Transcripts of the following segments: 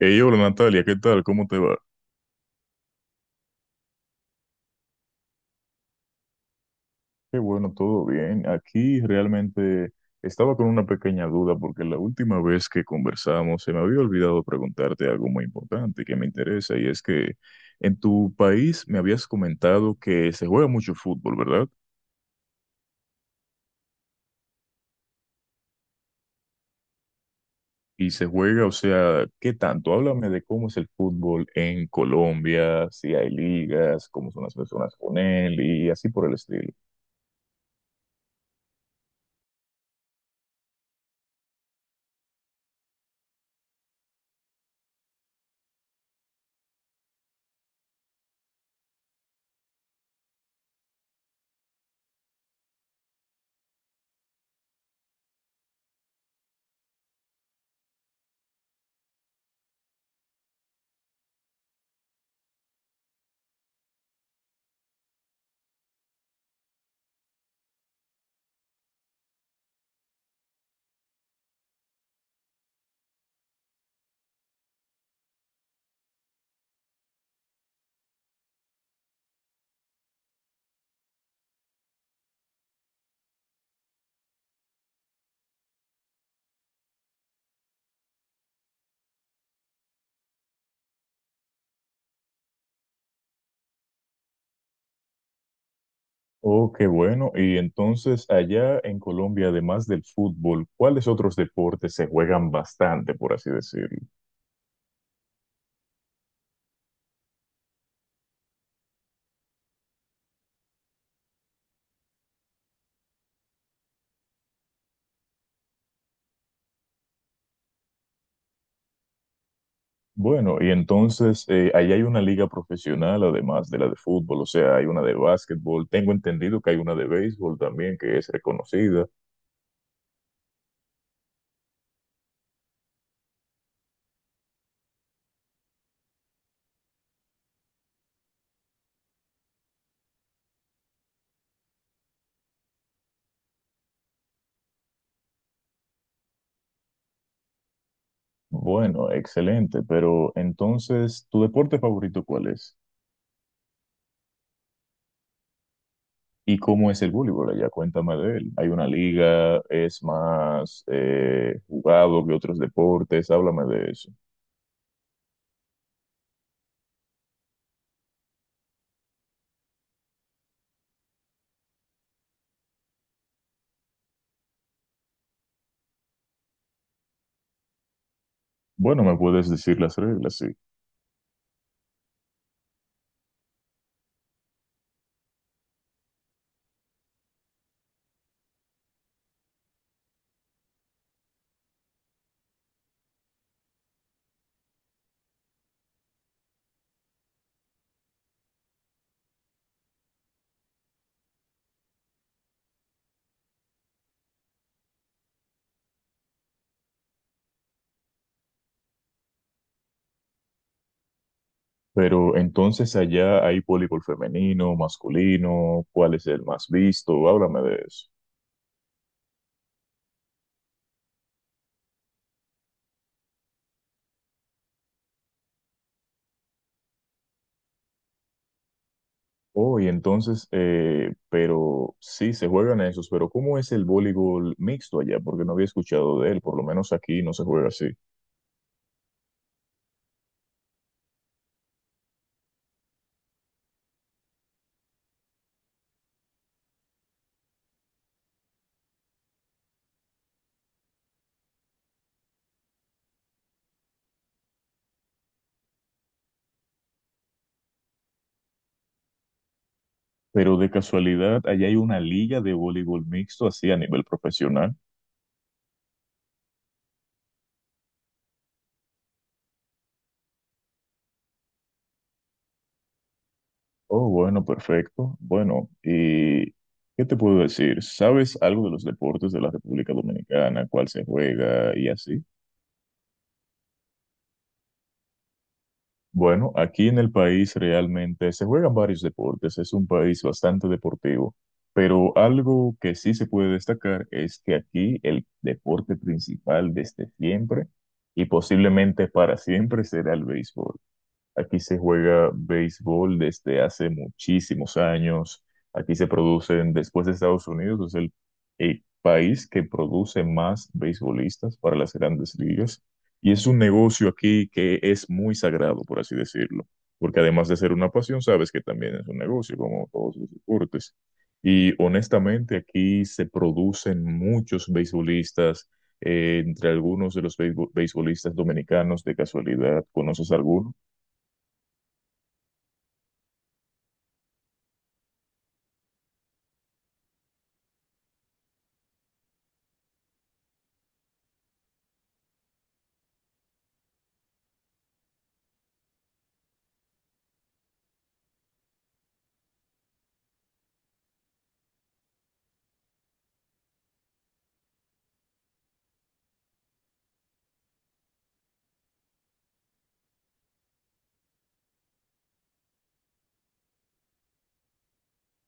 Hey, hola Natalia, ¿qué tal? ¿Cómo te va? Qué bueno, todo bien. Aquí realmente estaba con una pequeña duda porque la última vez que conversamos se me había olvidado preguntarte algo muy importante que me interesa y es que en tu país me habías comentado que se juega mucho fútbol, ¿verdad? Y se juega, o sea, ¿qué tanto? Háblame de cómo es el fútbol en Colombia, si hay ligas, cómo son las personas con él y así por el estilo. Oh, qué bueno. Y entonces, allá en Colombia, además del fútbol, ¿cuáles otros deportes se juegan bastante, por así decirlo? Bueno, y entonces, allá hay una liga profesional, además de la de fútbol, o sea, hay una de básquetbol. Tengo entendido que hay una de béisbol también, que es reconocida. Bueno, excelente. Pero entonces, ¿tu deporte favorito cuál es? ¿Y cómo es el voleibol allá? Cuéntame de él. ¿Hay una liga? ¿Es más jugado que otros deportes? Háblame de eso. Bueno, me puedes decir las reglas, sí. Pero entonces allá hay voleibol femenino, masculino, ¿cuál es el más visto? Háblame de eso. Oh, y entonces, pero sí, se juegan esos, pero ¿cómo es el voleibol mixto allá? Porque no había escuchado de él, por lo menos aquí no se juega así. Pero de casualidad, allá hay una liga de voleibol mixto así a nivel profesional. Oh, bueno, perfecto. Bueno, ¿y qué te puedo decir? ¿Sabes algo de los deportes de la República Dominicana, cuál se juega y así? Bueno, aquí en el país realmente se juegan varios deportes, es un país bastante deportivo, pero algo que sí se puede destacar es que aquí el deporte principal desde siempre y posiblemente para siempre será el béisbol. Aquí se juega béisbol desde hace muchísimos años. Aquí se producen, después de Estados Unidos, es el país que produce más beisbolistas para las grandes ligas. Y es un negocio aquí que es muy sagrado, por así decirlo. Porque además de ser una pasión, sabes que también es un negocio, como todos los deportes. Y honestamente, aquí se producen muchos beisbolistas. Entre algunos de los beisbolistas dominicanos, de casualidad, ¿conoces alguno?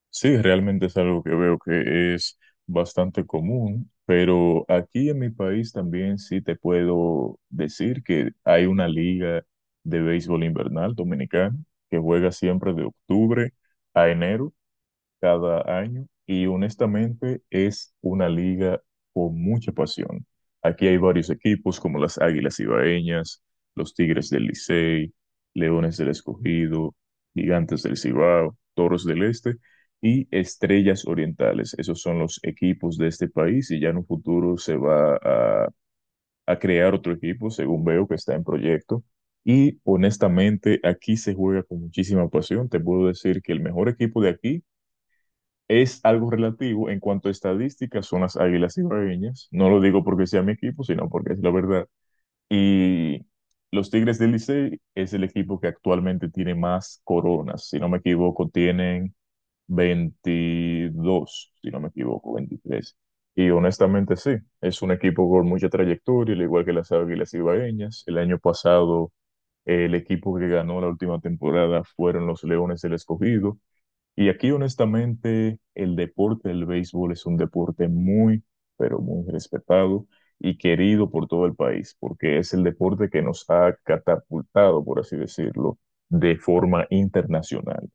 Sí, realmente es algo que veo que es bastante común, pero aquí en mi país también sí te puedo decir que hay una liga de béisbol invernal dominicana que juega siempre de octubre a enero cada año y honestamente es una liga con mucha pasión. Aquí hay varios equipos como las Águilas Ibaeñas, los Tigres del Licey, Leones del Escogido, Gigantes del Cibao, Toros del Este y Estrellas Orientales. Esos son los equipos de este país y ya en un futuro se va a crear otro equipo, según veo que está en proyecto. Y honestamente, aquí se juega con muchísima pasión. Te puedo decir que el mejor equipo de aquí es algo relativo en cuanto a estadísticas, son las Águilas Ibaeñas. No lo digo porque sea mi equipo, sino porque es la verdad. Y los Tigres del Licey es el equipo que actualmente tiene más coronas. Si no me equivoco, tienen 22, si no me equivoco, 23. Y honestamente sí, es un equipo con mucha trayectoria, al igual que las Águilas Ibaeñas. El año pasado, el equipo que ganó la última temporada fueron los Leones del Escogido y aquí, honestamente, el deporte del béisbol es un deporte muy, pero muy respetado y querido por todo el país, porque es el deporte que nos ha catapultado, por así decirlo, de forma internacional.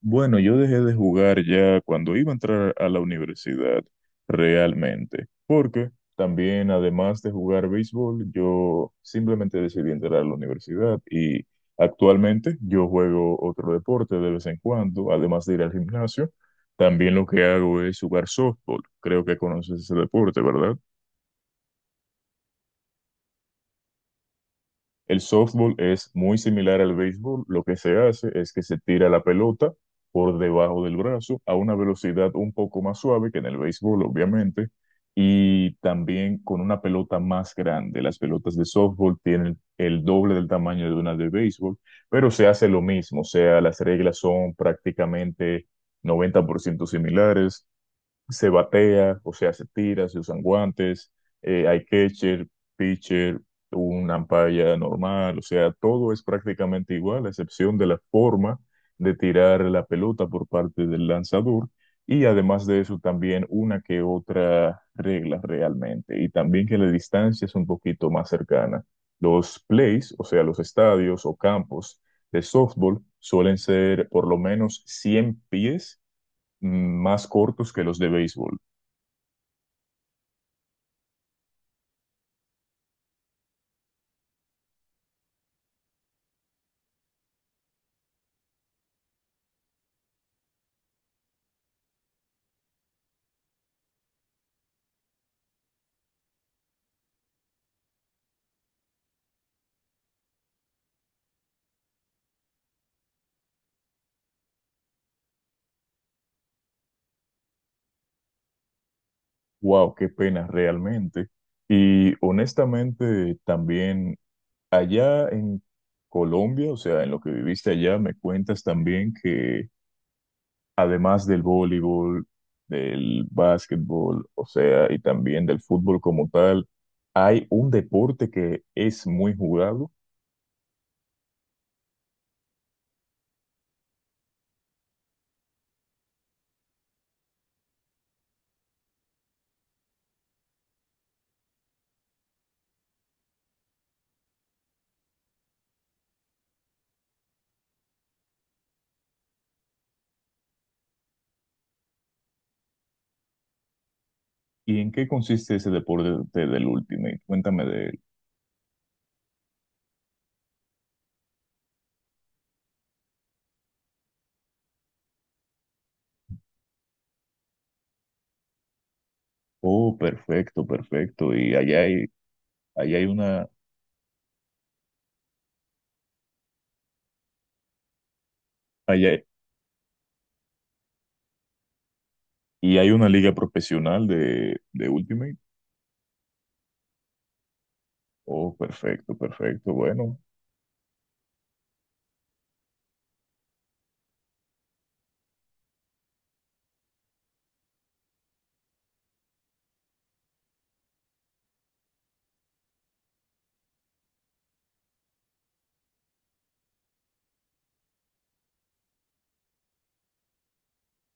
Bueno, yo dejé de jugar ya cuando iba a entrar a la universidad, realmente, porque también, además de jugar béisbol, yo simplemente decidí entrar a la universidad y actualmente yo juego otro deporte de vez en cuando, además de ir al gimnasio, también lo que hago es jugar softball. Creo que conoces ese deporte, ¿verdad? El softball es muy similar al béisbol. Lo que se hace es que se tira la pelota por debajo del brazo a una velocidad un poco más suave que en el béisbol, obviamente, y también con una pelota más grande. Las pelotas de softball tienen el doble del tamaño de una de béisbol, pero se hace lo mismo. O sea, las reglas son prácticamente 90% similares, se batea, o sea, se tira, se usan guantes, hay catcher, pitcher, un umpire normal, o sea, todo es prácticamente igual, a excepción de la forma de tirar la pelota por parte del lanzador. Y además de eso, también una que otra regla realmente. Y también que la distancia es un poquito más cercana. Los plays, o sea, los estadios o campos de softball, suelen ser por lo menos 100 pies mm, más cortos que los de béisbol. Wow, qué pena realmente. Y honestamente, también allá en Colombia, o sea, en lo que viviste allá, me cuentas también que además del voleibol, del básquetbol, o sea, y también del fútbol como tal, hay un deporte que es muy jugado. ¿Y en qué consiste ese deporte del Ultimate? Cuéntame de él. Oh, perfecto, perfecto. Y allá hay una, allá ¿y hay una liga profesional de Ultimate? Oh, perfecto, perfecto. Bueno,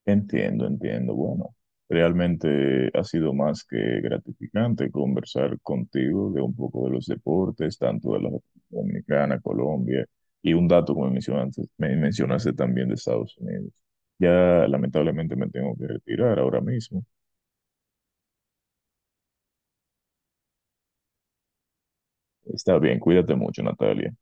entiendo, entiendo. Bueno, realmente ha sido más que gratificante conversar contigo de un poco de los deportes, tanto de la República Dominicana, Colombia, y un dato como mencionaste, me mencionaste también de Estados Unidos. Ya lamentablemente me tengo que retirar ahora mismo. Está bien, cuídate mucho, Natalia.